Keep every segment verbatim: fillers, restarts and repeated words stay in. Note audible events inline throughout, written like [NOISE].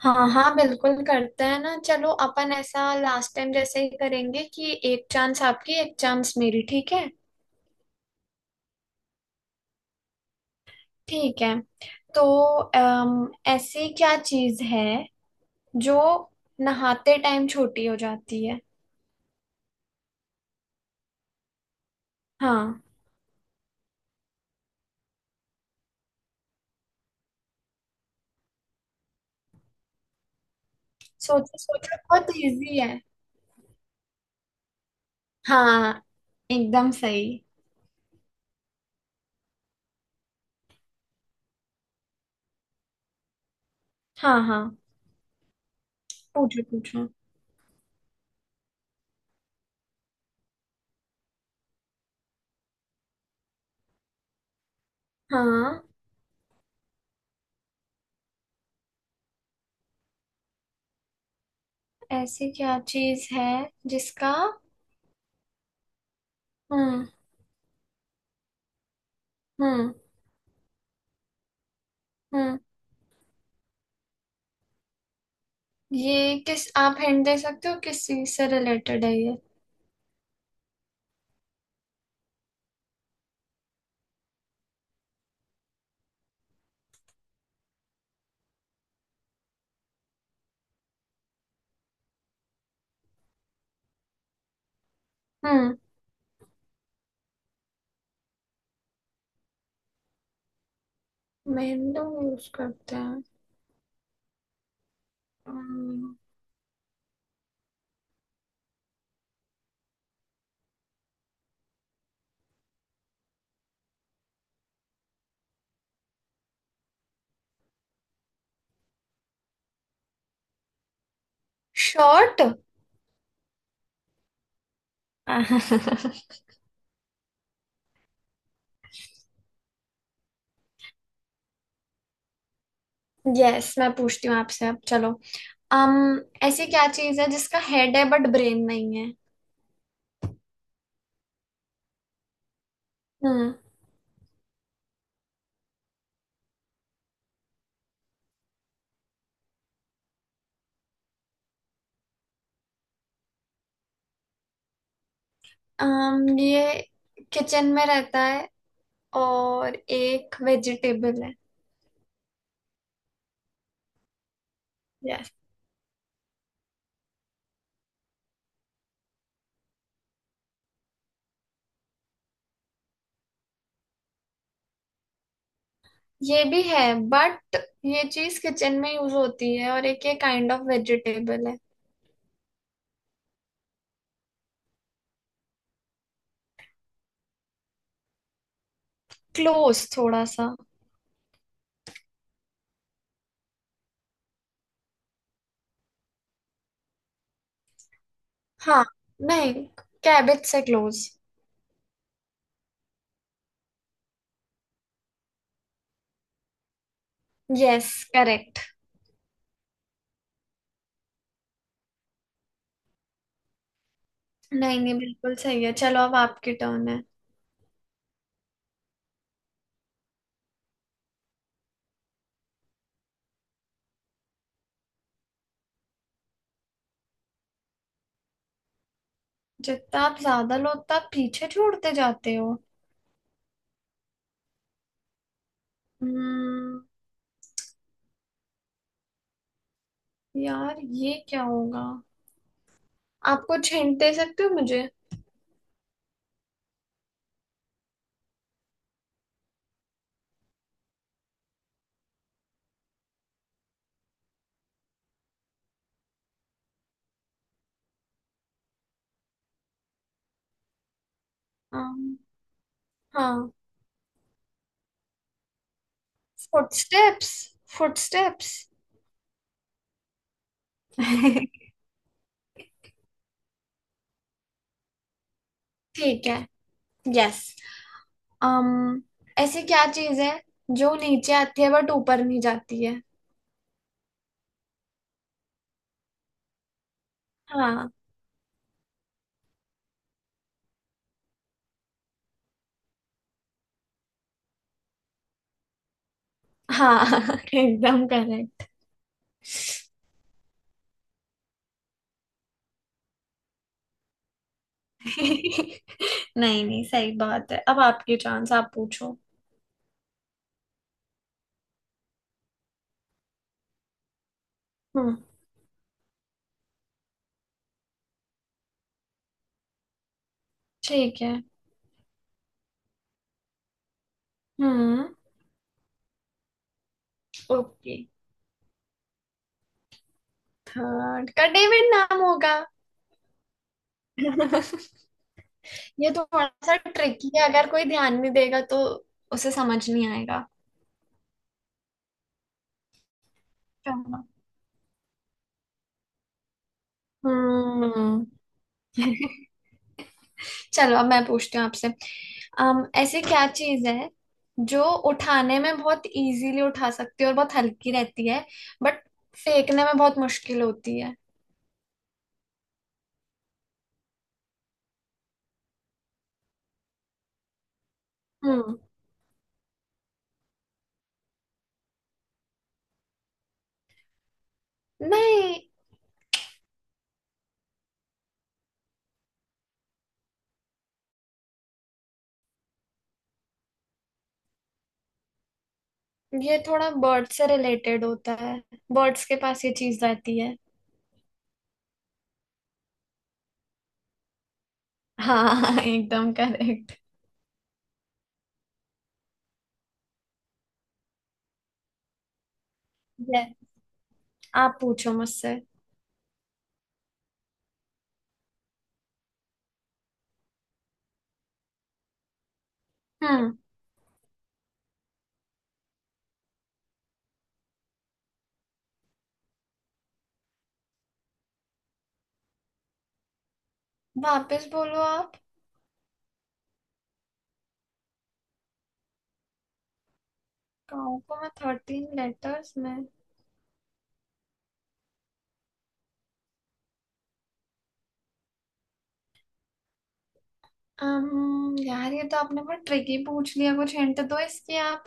हाँ हाँ, बिल्कुल करते हैं ना। चलो अपन ऐसा लास्ट टाइम जैसे ही करेंगे कि एक चांस आपकी, एक चांस मेरी। ठीक है। ठीक है तो अम, ऐसी क्या चीज है जो नहाते टाइम छोटी हो जाती है। हाँ, सोचो सोचो, बहुत इजी है। हाँ, एकदम सही। हाँ हाँ, पूछो पूछो। हाँ, ऐसी क्या चीज है जिसका। हम्म। हम्म। हम्म, ये किस, आप हिंट दे सकते हो किस चीज से रिलेटेड है ये। हम्म, मेहंदी यूज करते हैं। शॉर्ट। यस। [LAUGHS] मैं पूछती हूँ आपसे अब, चलो। अम, ऐसी क्या चीज है जिसका हेड है बट ब्रेन नहीं है। हम्म, अम ये किचन में रहता है और एक वेजिटेबल है। यस। ये भी है, बट ये चीज किचन में यूज होती है और एक ये काइंड ऑफ वेजिटेबल है। क्लोज थोड़ा सा। हाँ। नहीं, कैबिज से क्लोज। Yes, correct. नहीं नहीं, बिल्कुल सही है। चलो अब आपकी टर्न है। जितना आप ज्यादा लो उतना आप पीछे छोड़ते जाते हो। हम्म, यार ये क्या होगा। आप कुछ हिंट दे सकते हो मुझे। अम, हाँ। फुटस्टेप्स। फुटस्टेप्स। [LAUGHS] ठीक है। यस। अम, ऐसी क्या चीज है जो नीचे आती है बट ऊपर नहीं जाती है। हाँ। हाँ, [LAUGHS] एकदम करेक्ट। [LAUGHS] नहीं नहीं, सही बात है। अब आपकी चांस, आप पूछो। हम्म। ठीक है। हम्म। ओके, थर्ड का डेविड नाम होगा। [LAUGHS] ये थोड़ा सा ट्रिकी है, अगर कोई ध्यान नहीं देगा तो उसे समझ नहीं आएगा। चलो। हम्म। [LAUGHS] चलो अब मैं पूछती हूँ आपसे। अम, ऐसी क्या चीज है जो उठाने में बहुत इजीली उठा सकती है और बहुत हल्की रहती है, बट फेंकने में बहुत मुश्किल होती है। हम्म। नहीं। ये थोड़ा बर्ड से रिलेटेड होता है। बर्ड्स के पास ये चीज रहती है। हाँ, [LAUGHS] एकदम करेक्ट। ये, आप पूछो मुझसे। हम्म। वापस बोलो आप। गाँव को मैं थर्टीन लेटर्स में। अम्म, यार ये तो आपने बहुत ट्रिकी पूछ लिया, कुछ हिंट दो इसकी आप।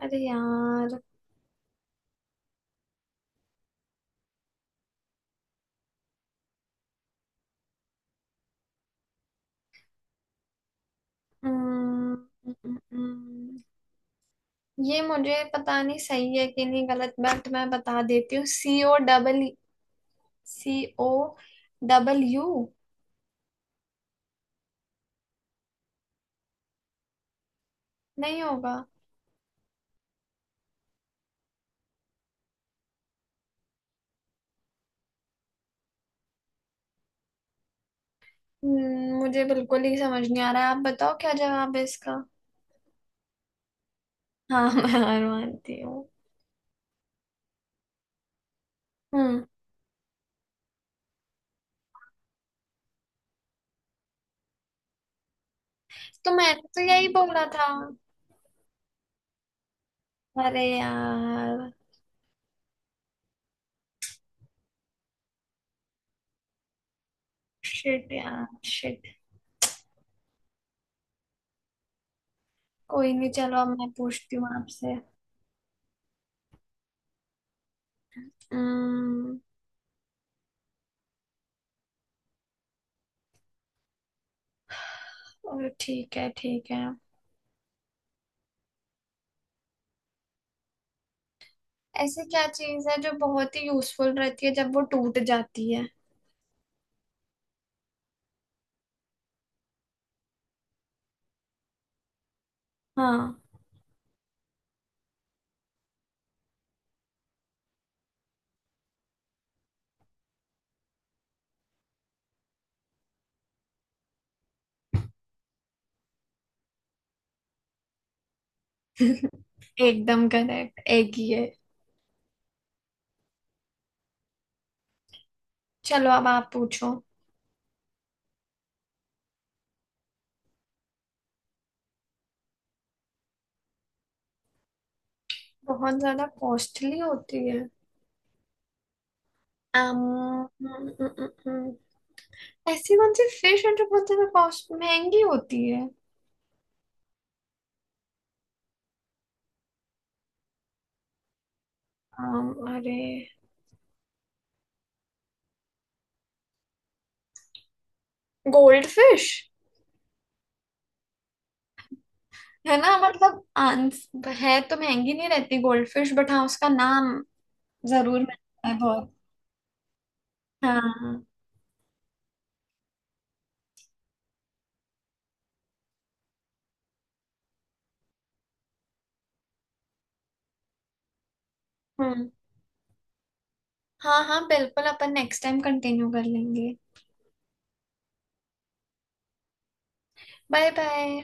अरे यार। अम्म, अम्म, अम्म, ये मुझे पता नहीं सही है कि नहीं, गलत, बट मैं बता देती हूँ। C O double. C. O. Double U. नहीं होगा। हम्म, मुझे बिल्कुल ही समझ नहीं आ रहा है। आप बताओ क्या जवाब है इसका। हाँ, [LAUGHS] मैं हार मानती हूँ। हम्म। तो मैंने तो यही बोला था। अरे यार। शिट यार, शिट। कोई नहीं, चलो अब मैं पूछती हूँ आपसे। हम्म, और ठीक है। ठीक है, ऐसी क्या चीज है जो बहुत ही यूजफुल रहती है जब वो टूट जाती है। हाँ, [LAUGHS] एकदम करेक्ट, एक ही है। चलो अब आप पूछो। बहुत ज्यादा कॉस्टली होती है। um, ऐसी कौन सी फिश है जो बहुत ज्यादा कॉस्ट, महंगी होती है। अम, अरे, गोल्ड फिश। है ना, मतलब आंस है तो महंगी नहीं रहती गोल्ड फिश, बट हाँ, उसका नाम जरूर मिलता है बहुत। हाँ। हम्म। हाँ हाँ, बिल्कुल, अपन नेक्स्ट टाइम कंटिन्यू कर लेंगे। Bye bye.